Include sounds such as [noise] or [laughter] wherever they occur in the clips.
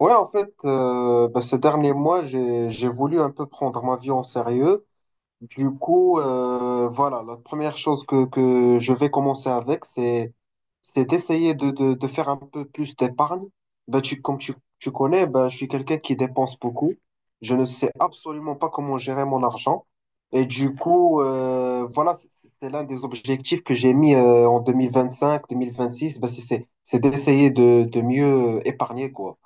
Ouais, en fait, bah, ces derniers mois, j'ai voulu un peu prendre ma vie en sérieux. Du coup, voilà, la première chose que je vais commencer avec, c'est d'essayer de faire un peu plus d'épargne. Bah, comme tu connais, bah, je suis quelqu'un qui dépense beaucoup. Je ne sais absolument pas comment gérer mon argent. Et du coup, voilà, c'est l'un des objectifs que j'ai mis en 2025, 2026, bah, c'est d'essayer de mieux épargner, quoi.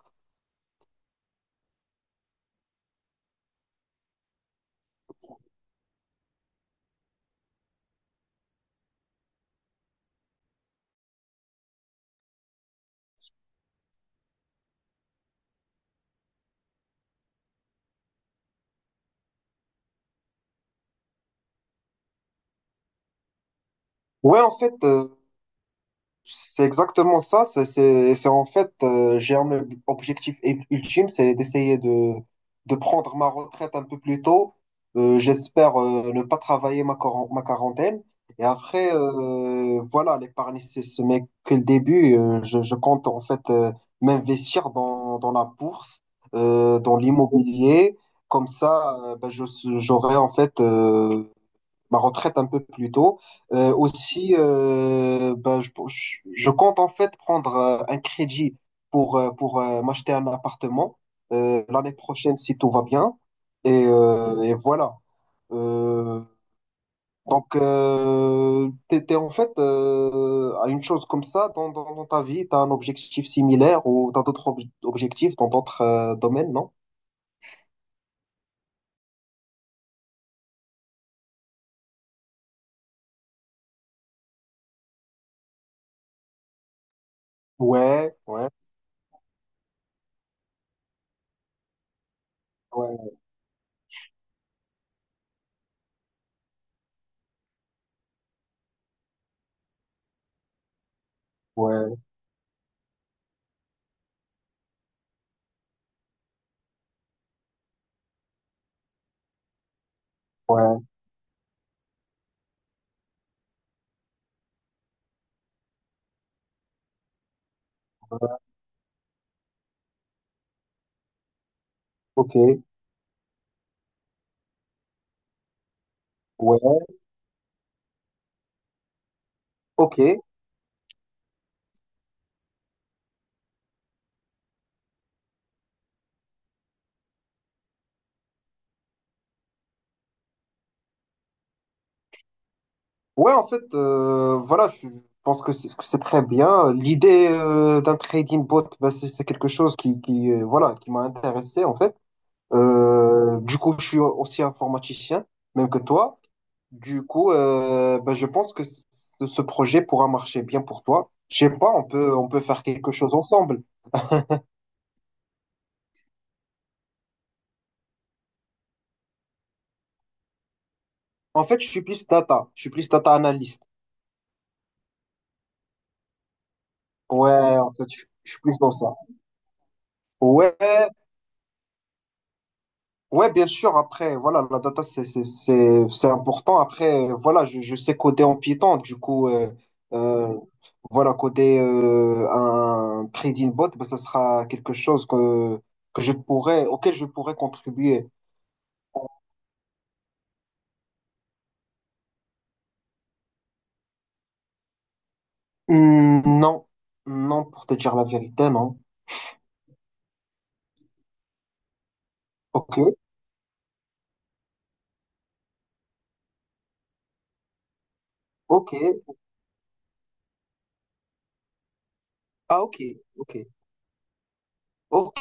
Ouais, en fait, c'est exactement ça. C'est en fait, j'ai un objectif ultime, c'est d'essayer de prendre ma retraite un peu plus tôt. J'espère ne pas travailler ma quarantaine. Et après, voilà, l'épargne, c'est ce n'est que le début. Je compte en fait m'investir dans, dans la bourse, dans l'immobilier. Comme ça, ben, je, j'aurai en fait ma retraite un peu plus tôt. Aussi, ben, je compte en fait prendre un crédit pour, m'acheter un appartement l'année prochaine si tout va bien. Et voilà. Euh, donc, t'es en fait à une chose comme ça dans, dans, dans ta vie, t'as un objectif similaire ou t'as d'autres objectifs dans d'autres domaines, non? Ouais, ouais, ouais, ouais, ouais, ok, ouais, ok. Ouais, en fait, voilà, je pense que c'est très bien. L'idée d'un trading bot, ben, c'est quelque chose qui voilà, qui m'a intéressé, en fait. Du coup, je suis aussi informaticien, même que toi. Du coup, ben, je pense que ce projet pourra marcher bien pour toi. Je sais pas, on peut faire quelque chose ensemble. En fait, je suis plus data, je suis plus data analyst. Ouais, en fait, je suis plus dans ça. Ouais, ouais, bien sûr. Après, voilà, la data, c'est important. Après, voilà, je sais coder en Python. Du coup, euh, voilà, coder un trading bot, ben, ça sera quelque chose que je pourrais, auquel je pourrais contribuer. Non, non, pour te dire la vérité, non. Ok, ok. Ah, ok, ok, ok.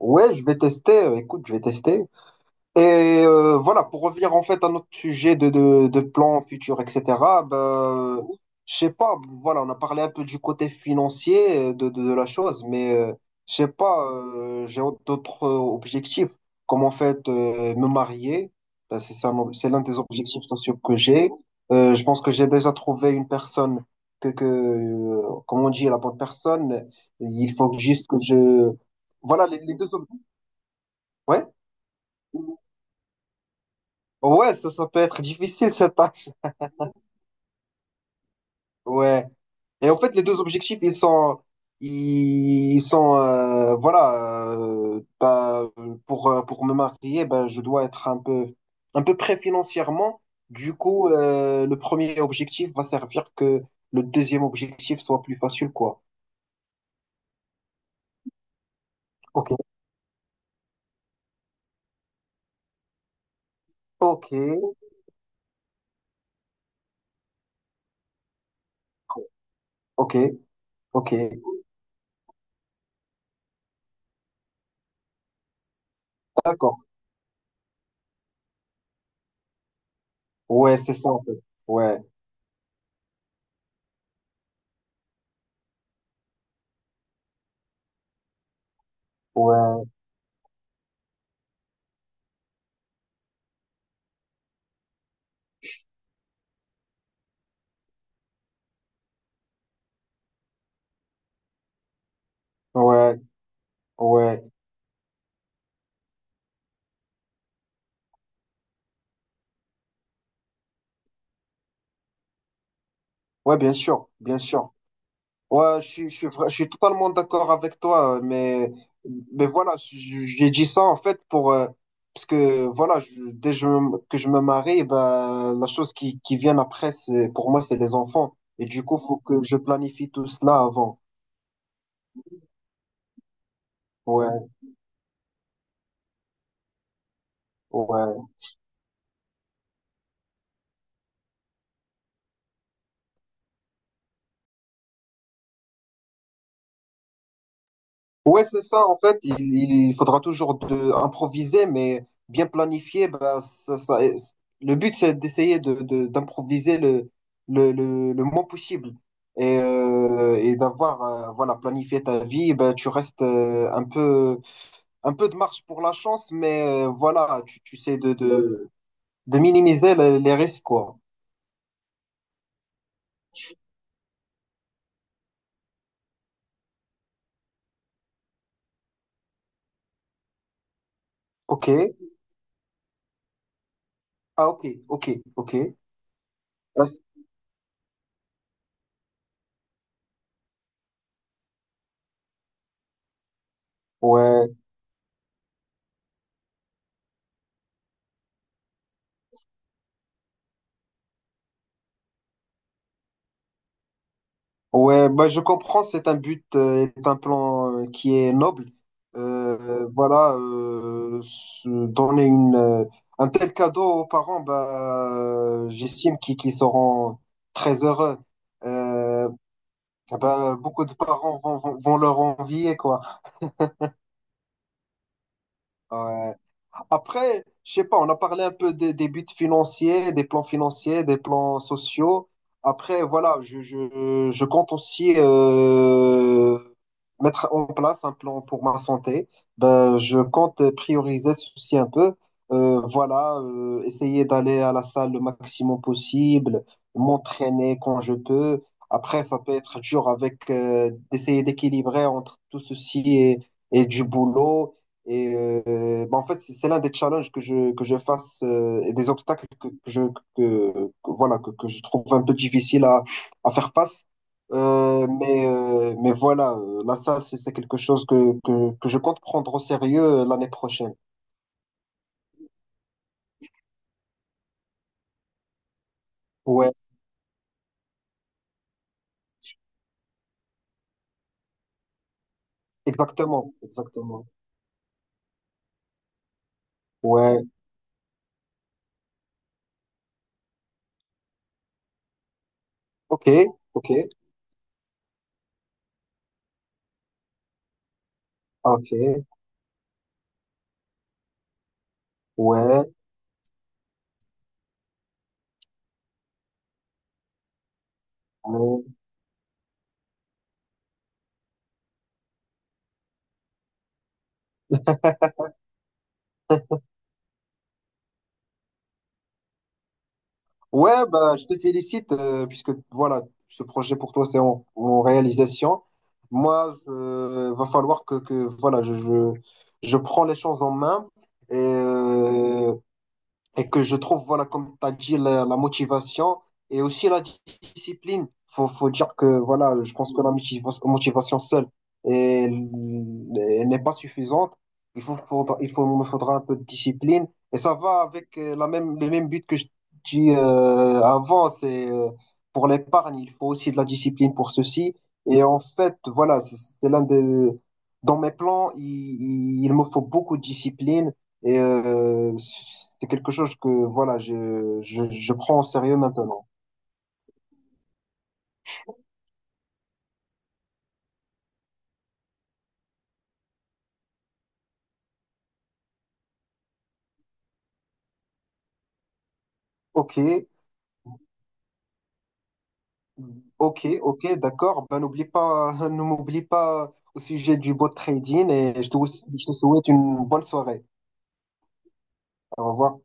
Ouais, je vais tester. Écoute, je vais tester. Et voilà, pour revenir en fait à notre sujet de plans futurs, etc., ben, je sais pas, voilà, on a parlé un peu du côté financier de la chose, mais je sais pas, j'ai d'autres objectifs, comme en fait me marier, ben, c'est l'un des objectifs sociaux que j'ai. Je pense que j'ai déjà trouvé une personne que comme on dit, la bonne personne, il faut juste que je… Voilà, les deux… Ouais? Ouais, ça peut être difficile cette tâche. Ouais. Et en fait, les deux objectifs, ils sont, voilà, bah, pour me marier, bah je dois être un peu près financièrement. Du coup, le premier objectif va servir que le deuxième objectif soit plus facile, quoi. Ok, ok, ok, ok. D'accord. Ouais, c'est ça en fait. Ouais, ouais, ouais, ouais, ouais, bien sûr, bien sûr. Ouais, je suis totalement d'accord avec toi, mais voilà, j'ai dit ça en fait pour, parce que voilà, que je me marie, ben, la chose qui vient après, pour moi, c'est les enfants. Et du coup, faut que je planifie tout cela avant. Ouais, ouais. Ouais, c'est ça. En fait, il faudra toujours improviser, mais bien planifié. Bah, le but, c'est d'essayer d'improviser le moins possible et d'avoir voilà, planifié ta vie. Bah, tu restes un peu de marge pour la chance, mais voilà, tu sais de minimiser les risques, quoi. Ok. Ah, ok, ok, ok. Ah, ouais. Ouais, bah je comprends, c'est un but, est un plan qui est noble. Voilà, se donner un tel cadeau aux parents, bah, j'estime qu'ils seront très heureux. Euh, bah, beaucoup de parents vont leur envier, quoi. Ouais. Après, je sais pas, on a parlé un peu des buts financiers, des plans sociaux. Après, voilà, je compte aussi mettre en place un plan pour ma santé. Ben, je compte prioriser ceci un peu. Voilà, essayer d'aller à la salle le maximum possible, m'entraîner quand je peux. Après, ça peut être dur avec d'essayer d'équilibrer entre tout ceci et du boulot. Et bah, en fait, c'est l'un des challenges que je fasse et des obstacles que je, que- voilà, que je trouve un peu difficile à faire face. Mais voilà, la salle, c'est quelque chose que je compte prendre au sérieux l'année prochaine. Ouais, exactement, exactement. Ouais, ok, ok, ok, ouais, ouais. Ouais, bah, je te félicite puisque voilà, ce projet pour toi c'est en, en réalisation. Moi, je, va falloir que voilà, je prends les choses en main et euh, et que je trouve, voilà, comme tu as dit, la motivation et aussi la discipline. Faut dire que, voilà, je pense que la motivation seule elle- elle n'est pas suffisante. Il faut, faudra- il faut, me faudra un peu de discipline. Et ça va avec le même but que je dis avant, c'est pour l'épargne, il faut aussi de la discipline pour ceci. Et en fait, voilà, c'est l'un des… Dans mes plans, il me faut beaucoup de discipline et c'est quelque chose que voilà, je prends au sérieux maintenant. Ok, ok, ok, d'accord. Ben n'oublie pas, [laughs] ne m'oublie pas au sujet du bot trading et je te souhaite une bonne soirée. Au revoir.